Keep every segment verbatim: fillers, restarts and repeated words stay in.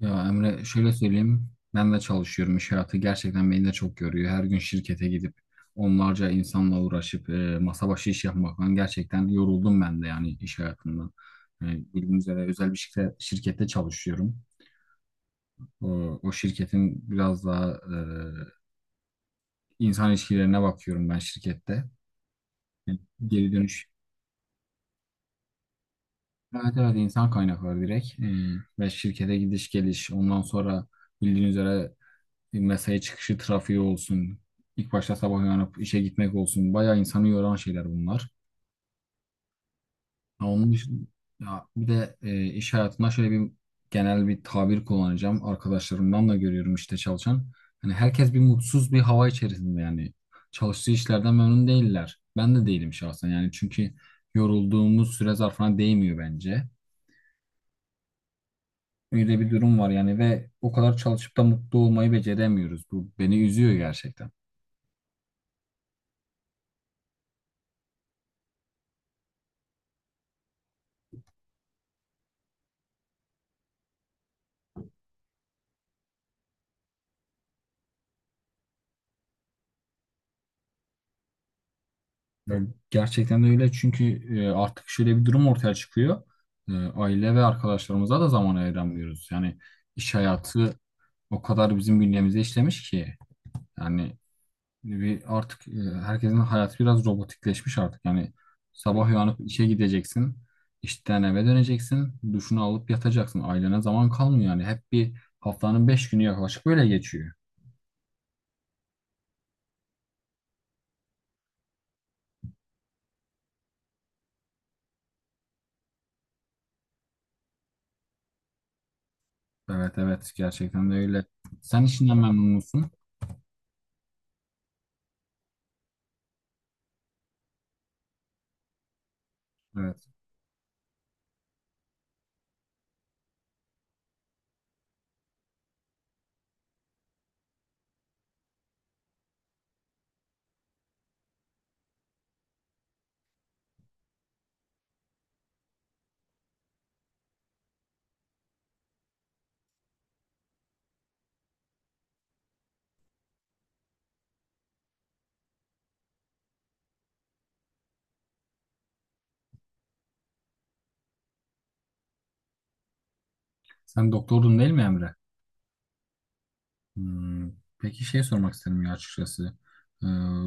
Ya Emre şöyle söyleyeyim. Ben de çalışıyorum. İş hayatı gerçekten beni de çok yoruyor. Her gün şirkete gidip onlarca insanla uğraşıp e, masa başı iş yapmaktan gerçekten yoruldum ben de yani iş hayatından. E, Bildiğiniz üzere özel bir şirkette, şirkette çalışıyorum. O, o şirketin biraz daha e, insan ilişkilerine bakıyorum ben şirkette. Geri dönüş. Evet, evet, insan kaynakları direkt. E, ve şirkete gidiş geliş. Ondan sonra bildiğiniz üzere mesai çıkışı trafiği olsun, ilk başta sabah uyanıp işe gitmek olsun. Bayağı insanı yoran şeyler bunlar. Ha, onun dışında, ya bir de e, iş hayatında şöyle bir genel bir tabir kullanacağım. Arkadaşlarımdan da görüyorum işte çalışan. Hani herkes bir mutsuz bir hava içerisinde yani. Çalıştığı işlerden memnun değiller. Ben de değilim şahsen yani çünkü yorulduğumuz süre zarfına değmiyor bence. Öyle bir durum var yani ve o kadar çalışıp da mutlu olmayı beceremiyoruz. Bu beni üzüyor gerçekten. Ya gerçekten de öyle çünkü e, artık şöyle bir durum ortaya çıkıyor. E, Aile ve arkadaşlarımıza da zaman ayıramıyoruz. Yani iş hayatı o kadar bizim bünyemize işlemiş ki. Yani bir artık e, herkesin hayatı biraz robotikleşmiş artık. Yani sabah uyanıp işe gideceksin, işten eve döneceksin, duşunu alıp yatacaksın. Ailene zaman kalmıyor yani. Hep bir haftanın beş günü yaklaşık böyle geçiyor. Evet, evet, gerçekten de öyle. Sen işinden memnun musun? Evet. Sen doktordun değil mi Emre? Hmm. Peki şey sormak istedim ya açıkçası. Ee,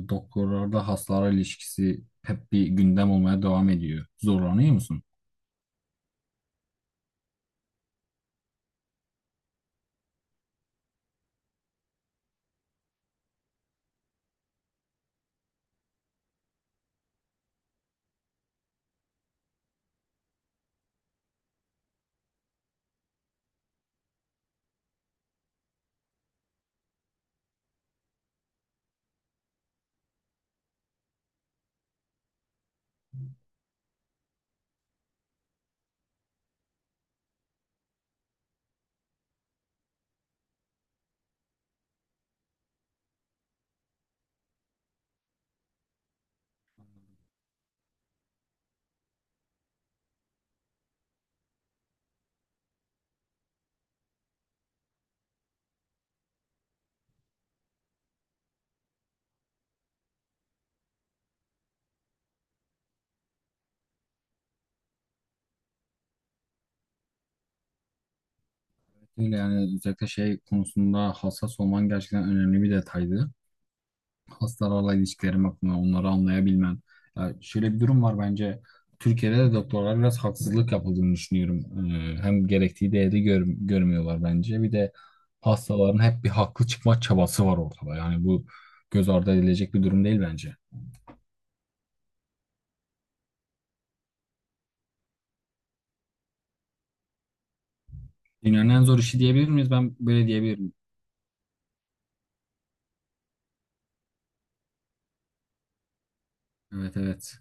Doktorlarda hastalara ilişkisi hep bir gündem olmaya devam ediyor. Zorlanıyor musun? Öyle yani özellikle şey konusunda hassas olman gerçekten önemli bir detaydı. Hastalarla ilişkilerim hakkında onları anlayabilmen. Ya şöyle bir durum var bence. Türkiye'de de doktorlara biraz haksızlık yapıldığını düşünüyorum. Ee, hem gerektiği değeri gör- görmüyorlar bence. Bir de hastaların hep bir haklı çıkma çabası var ortada. Yani bu göz ardı edilecek bir durum değil bence. Dünyanın en zor işi diyebilir miyiz? Ben böyle diyebilirim. Evet, evet.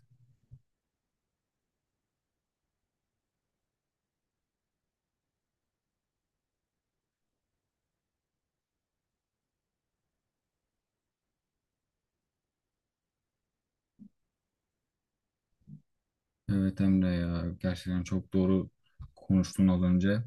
Evet Emre ya. Gerçekten çok doğru konuştun az önce.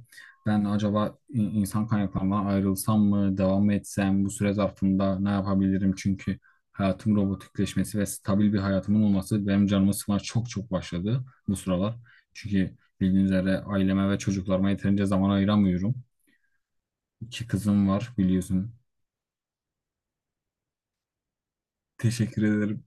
Ben acaba in- insan kaynaklarından ayrılsam mı? Devam mı etsem? Bu süre zarfında ne yapabilirim? Çünkü hayatım robotikleşmesi ve stabil bir hayatımın olması benim canımı sıkmaya çok çok başladı bu sıralar. Çünkü bildiğiniz üzere aileme ve çocuklarıma yeterince zaman ayıramıyorum. İki kızım var biliyorsun. Teşekkür ederim.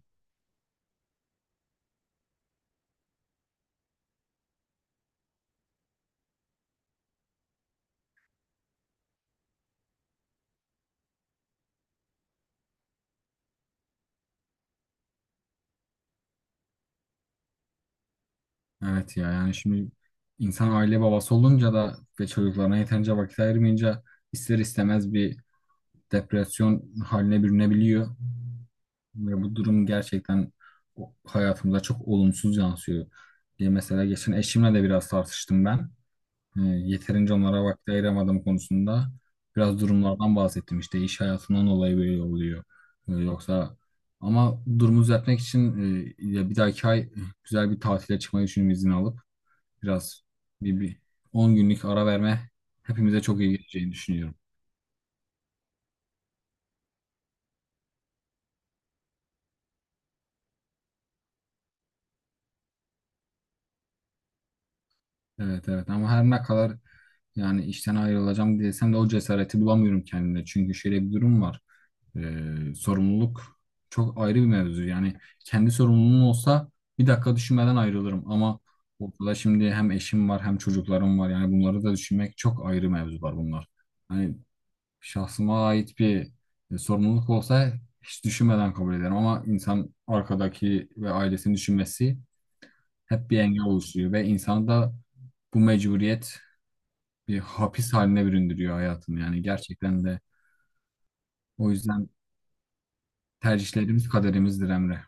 Evet ya yani şimdi insan aile babası olunca da ve çocuklarına yeterince vakit ayırmayınca ister istemez bir depresyon haline bürünebiliyor. Ve bu durum gerçekten o- hayatımıza çok olumsuz yansıyor. Diye mesela geçen eşimle de biraz tartıştım ben. Ee, yeterince onlara vakit ayıramadığım konusunda biraz durumlardan bahsettim. İşte iş hayatından dolayı böyle oluyor. Ee, yoksa ama durumu düzeltmek için e, ya bir dahaki ay e, güzel bir tatile çıkmayı düşünüyorum izin alıp biraz bir, bir on günlük ara verme hepimize çok iyi geleceğini düşünüyorum. Evet, evet, ama her ne kadar yani işten ayrılacağım desem de o cesareti bulamıyorum kendimde. Çünkü şöyle bir durum var. Ee, sorumluluk çok ayrı bir mevzu. Yani kendi sorumluluğum olsa bir dakika düşünmeden ayrılırım ama ortada şimdi hem eşim var hem çocuklarım var. Yani bunları da düşünmek çok ayrı mevzular bunlar. Hani şahsıma ait bir e, sorumluluk olsa hiç düşünmeden kabul ederim ama insan arkadaki ve ailesini düşünmesi hep bir engel oluşturuyor ve insanı da bu mecburiyet bir hapis haline büründürüyor hayatını yani gerçekten de o yüzden tercihlerimiz kaderimizdir Emre.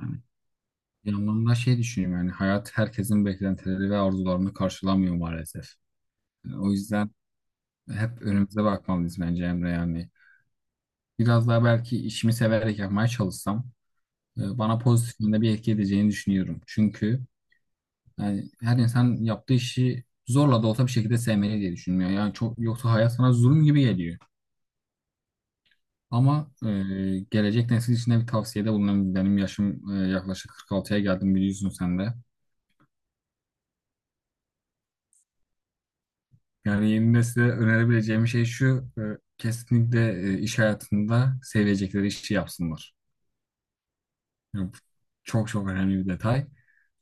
Yani bir anlamda şey düşünüyorum yani hayat herkesin beklentileri ve arzularını karşılamıyor maalesef. Yani o yüzden hep önümüze bakmalıyız bence Emre yani. Biraz daha belki işimi severek yapmaya çalışsam e, bana pozitif yönde bir etki edeceğini düşünüyorum. Çünkü yani her insan yaptığı işi zorla da olsa bir şekilde sevmeli diye düşünmüyor. Yani çok yoksa hayat sana zulüm gibi geliyor. Ama e, gelecek nesil için de bir tavsiyede bulunayım. Benim yaşım e, yaklaşık kırk altıya geldim biliyorsun sen de. Yani yeni nesile önerebileceğim şey şu, e, kesinlikle e, iş hayatında sevecekleri işi yapsınlar. Yani bu çok çok önemli bir detay.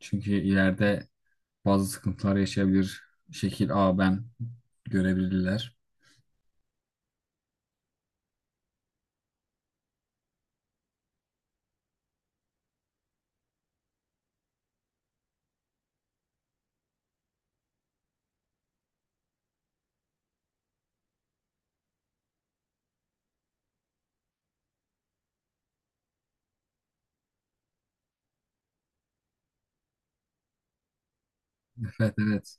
Çünkü ileride bazı sıkıntılar yaşayabilir. Şekil A ben görebilirler. Evet, evet.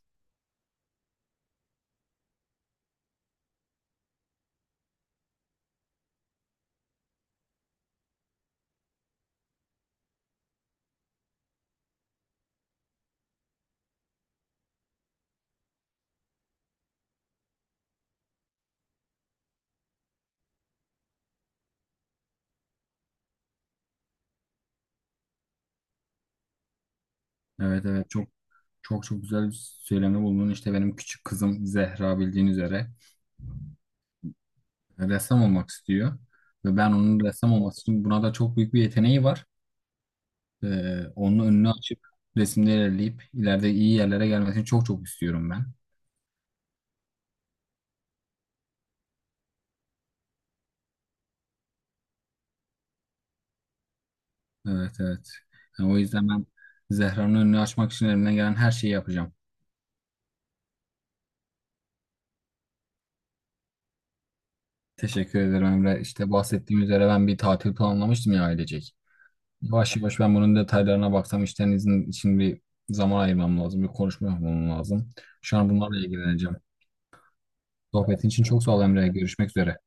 Evet, evet, çok çok çok güzel bir söylemde bulundun. İşte benim küçük kızım Zehra bildiğin üzere e, ressam olmak istiyor. Ve ben onun ressam olması için buna da çok büyük bir yeteneği var. Ee, onun önünü açıp resimde ilerleyip ileride iyi yerlere gelmesini çok çok istiyorum ben. Evet, evet. Yani o yüzden ben Zehra'nın önünü açmak için elimden gelen her şeyi yapacağım. Teşekkür ederim Emre. İşte bahsettiğim üzere ben bir tatil planlamıştım ya ailecek. Yavaş yavaş ben bunun detaylarına baksam işten izin için bir zaman ayırmam lazım. Bir konuşma yapmam lazım. Şu an bunlarla ilgileneceğim. Sohbetin için çok sağ ol Emre. Görüşmek üzere.